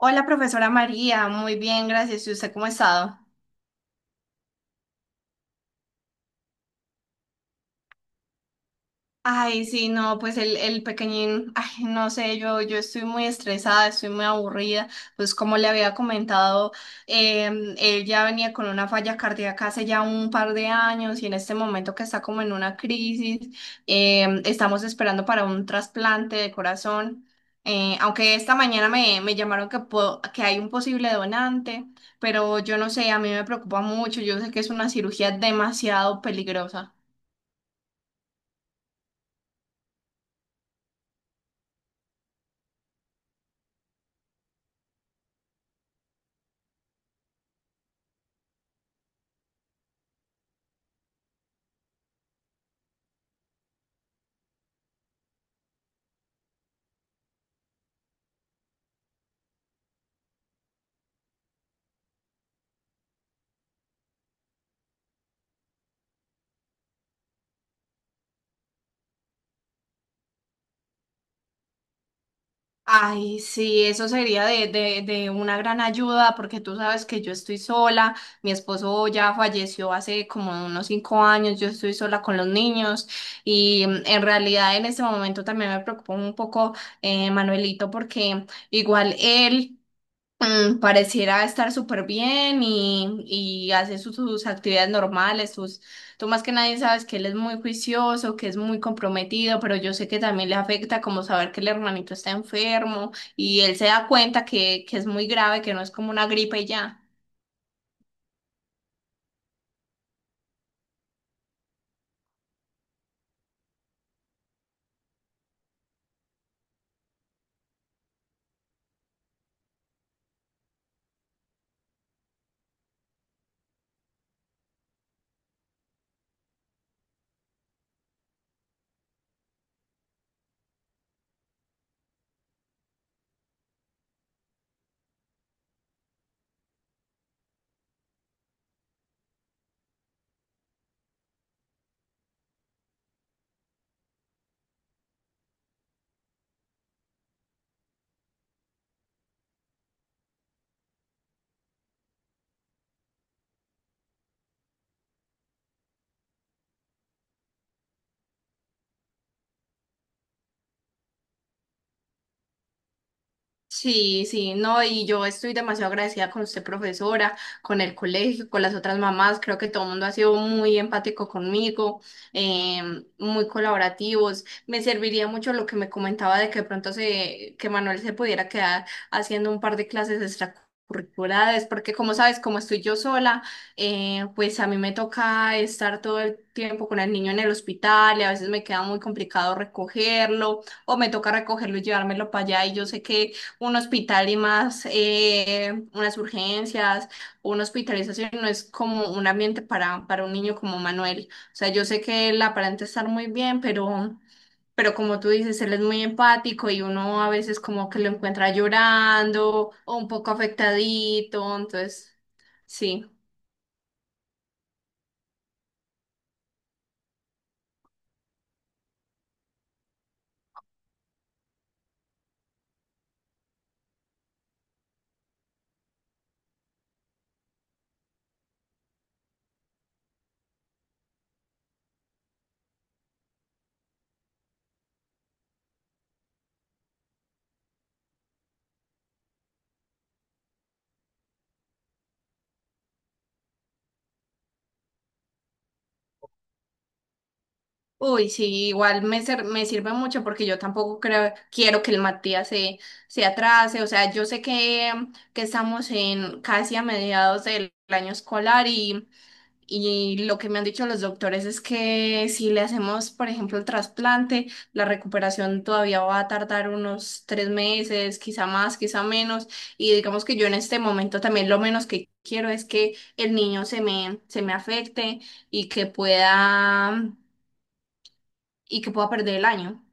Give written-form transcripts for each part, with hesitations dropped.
Hola, profesora María, muy bien, gracias. ¿Y usted cómo ha estado? Ay, sí, no, pues el pequeñín, ay, no sé, yo estoy muy estresada, estoy muy aburrida, pues como le había comentado, él ya venía con una falla cardíaca hace ya un par de años y en este momento que está como en una crisis. Estamos esperando para un trasplante de corazón. Aunque esta mañana me llamaron que, que hay un posible donante, pero yo no sé, a mí me preocupa mucho, yo sé que es una cirugía demasiado peligrosa. Ay, sí, eso sería de una gran ayuda porque tú sabes que yo estoy sola, mi esposo ya falleció hace como unos 5 años, yo estoy sola con los niños y en realidad en este momento también me preocupa un poco, Manuelito, porque igual él pareciera estar súper bien y hace sus actividades normales, tú más que nadie sabes que él es muy juicioso, que es muy comprometido, pero yo sé que también le afecta como saber que el hermanito está enfermo y él se da cuenta que es muy grave, que no es como una gripe y ya. Sí, sí, no, y yo estoy demasiado agradecida con usted, profesora, con el colegio, con las otras mamás. Creo que todo el mundo ha sido muy empático conmigo, muy colaborativos. Me serviría mucho lo que me comentaba de que de pronto que Manuel se pudiera quedar haciendo un par de clases extracurriculares, porque como sabes, como estoy yo sola, pues a mí me toca estar todo el tiempo con el niño en el hospital y a veces me queda muy complicado recogerlo, o me toca recogerlo y llevármelo para allá, y yo sé que un hospital, y más unas urgencias, una hospitalización, no es como un ambiente para, un niño como Manuel. O sea, yo sé que él aparenta estar muy bien, pero como tú dices, él es muy empático y uno a veces como que lo encuentra llorando o un poco afectadito, entonces, sí. Uy, sí, igual me sirve mucho, porque yo tampoco creo, quiero que el Matías se, se atrase. O sea, yo sé que estamos en casi a mediados del año escolar, y lo que me han dicho los doctores es que si le hacemos, por ejemplo, el trasplante, la recuperación todavía va a tardar unos 3 meses, quizá más, quizá menos. Y digamos que yo en este momento también lo menos que quiero es que el niño se me afecte, y que pueda y que pueda perder el año.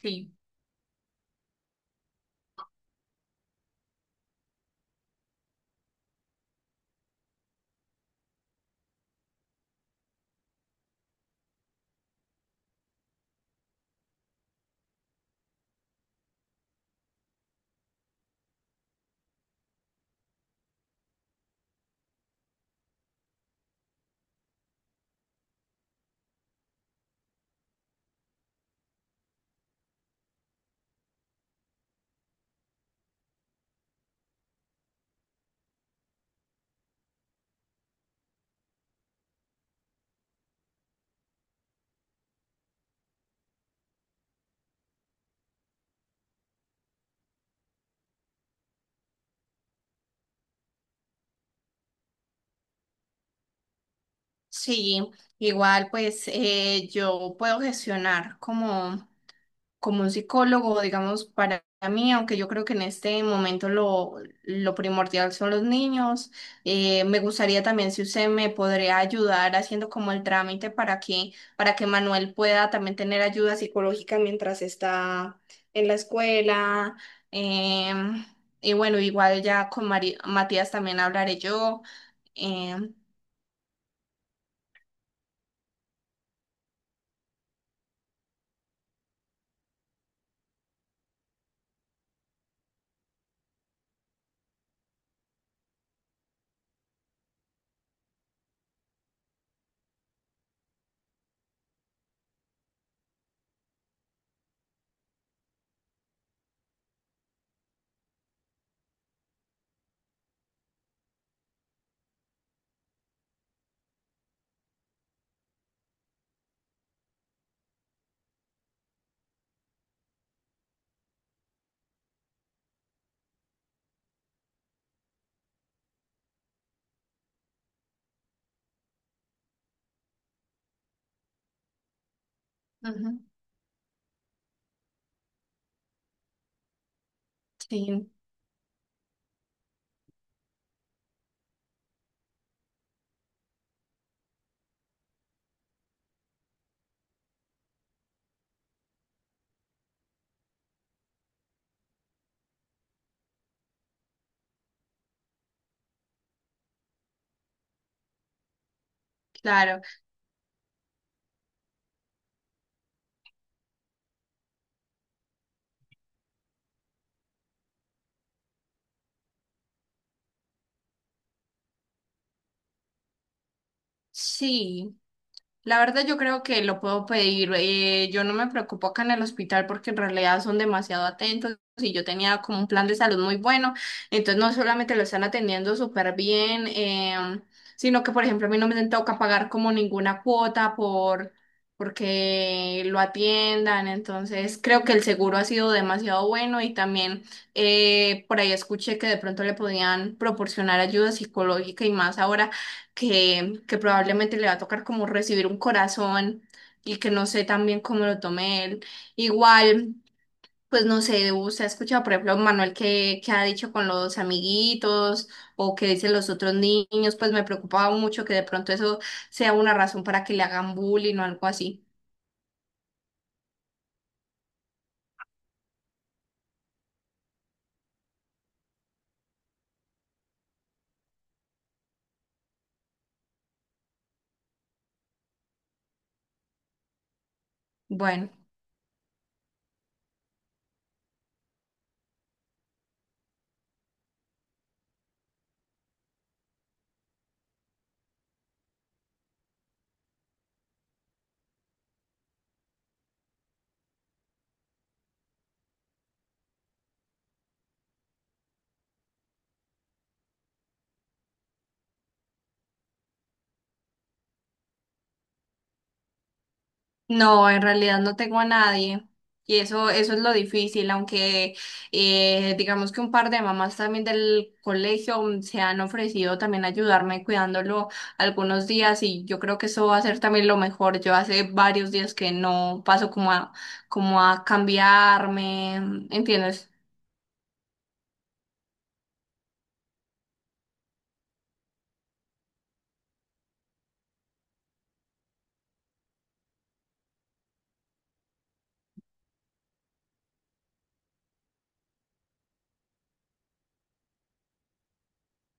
Sí. Sí, igual pues yo puedo gestionar como un psicólogo, digamos, para mí, aunque yo creo que en este momento lo primordial son los niños. Me gustaría también si usted me podría ayudar haciendo como el trámite para que Manuel pueda también tener ayuda psicológica mientras está en la escuela. em, y bueno, igual ya con Matías también hablaré yo. em, Ujú. Sí, claro. Sí. La verdad yo creo que lo puedo pedir. Yo no me preocupo acá en el hospital porque en realidad son demasiado atentos y yo tenía como un plan de salud muy bueno. Entonces no solamente lo están atendiendo súper bien, sino que, por ejemplo, a mí no me toca pagar como ninguna cuota porque lo atiendan. Entonces creo que el seguro ha sido demasiado bueno y también por ahí escuché que de pronto le podían proporcionar ayuda psicológica, y más ahora que probablemente le va a tocar como recibir un corazón, y que no sé también cómo lo tome él. Igual, pues no sé, usted ha escuchado, por ejemplo, Manuel que ha dicho con los amiguitos, o que dicen los otros niños, pues me preocupaba mucho que de pronto eso sea una razón para que le hagan bullying o algo así. Bueno. No, en realidad no tengo a nadie. Y eso es lo difícil, aunque digamos que un par de mamás también del colegio se han ofrecido también ayudarme cuidándolo algunos días, y yo creo que eso va a ser también lo mejor. Yo hace varios días que no paso como a cambiarme, ¿entiendes?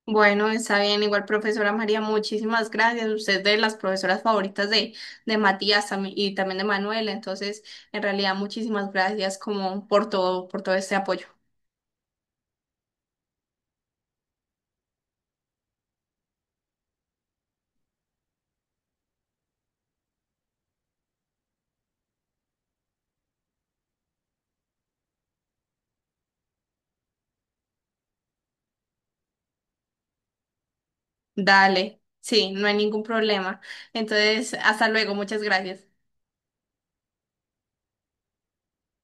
Bueno, está bien. Igual, profesora María, muchísimas gracias. Usted es de las profesoras favoritas de Matías tam- y también de Manuel. Entonces, en realidad, muchísimas gracias como por todo este apoyo. Dale, sí, no hay ningún problema. Entonces, hasta luego. Muchas gracias.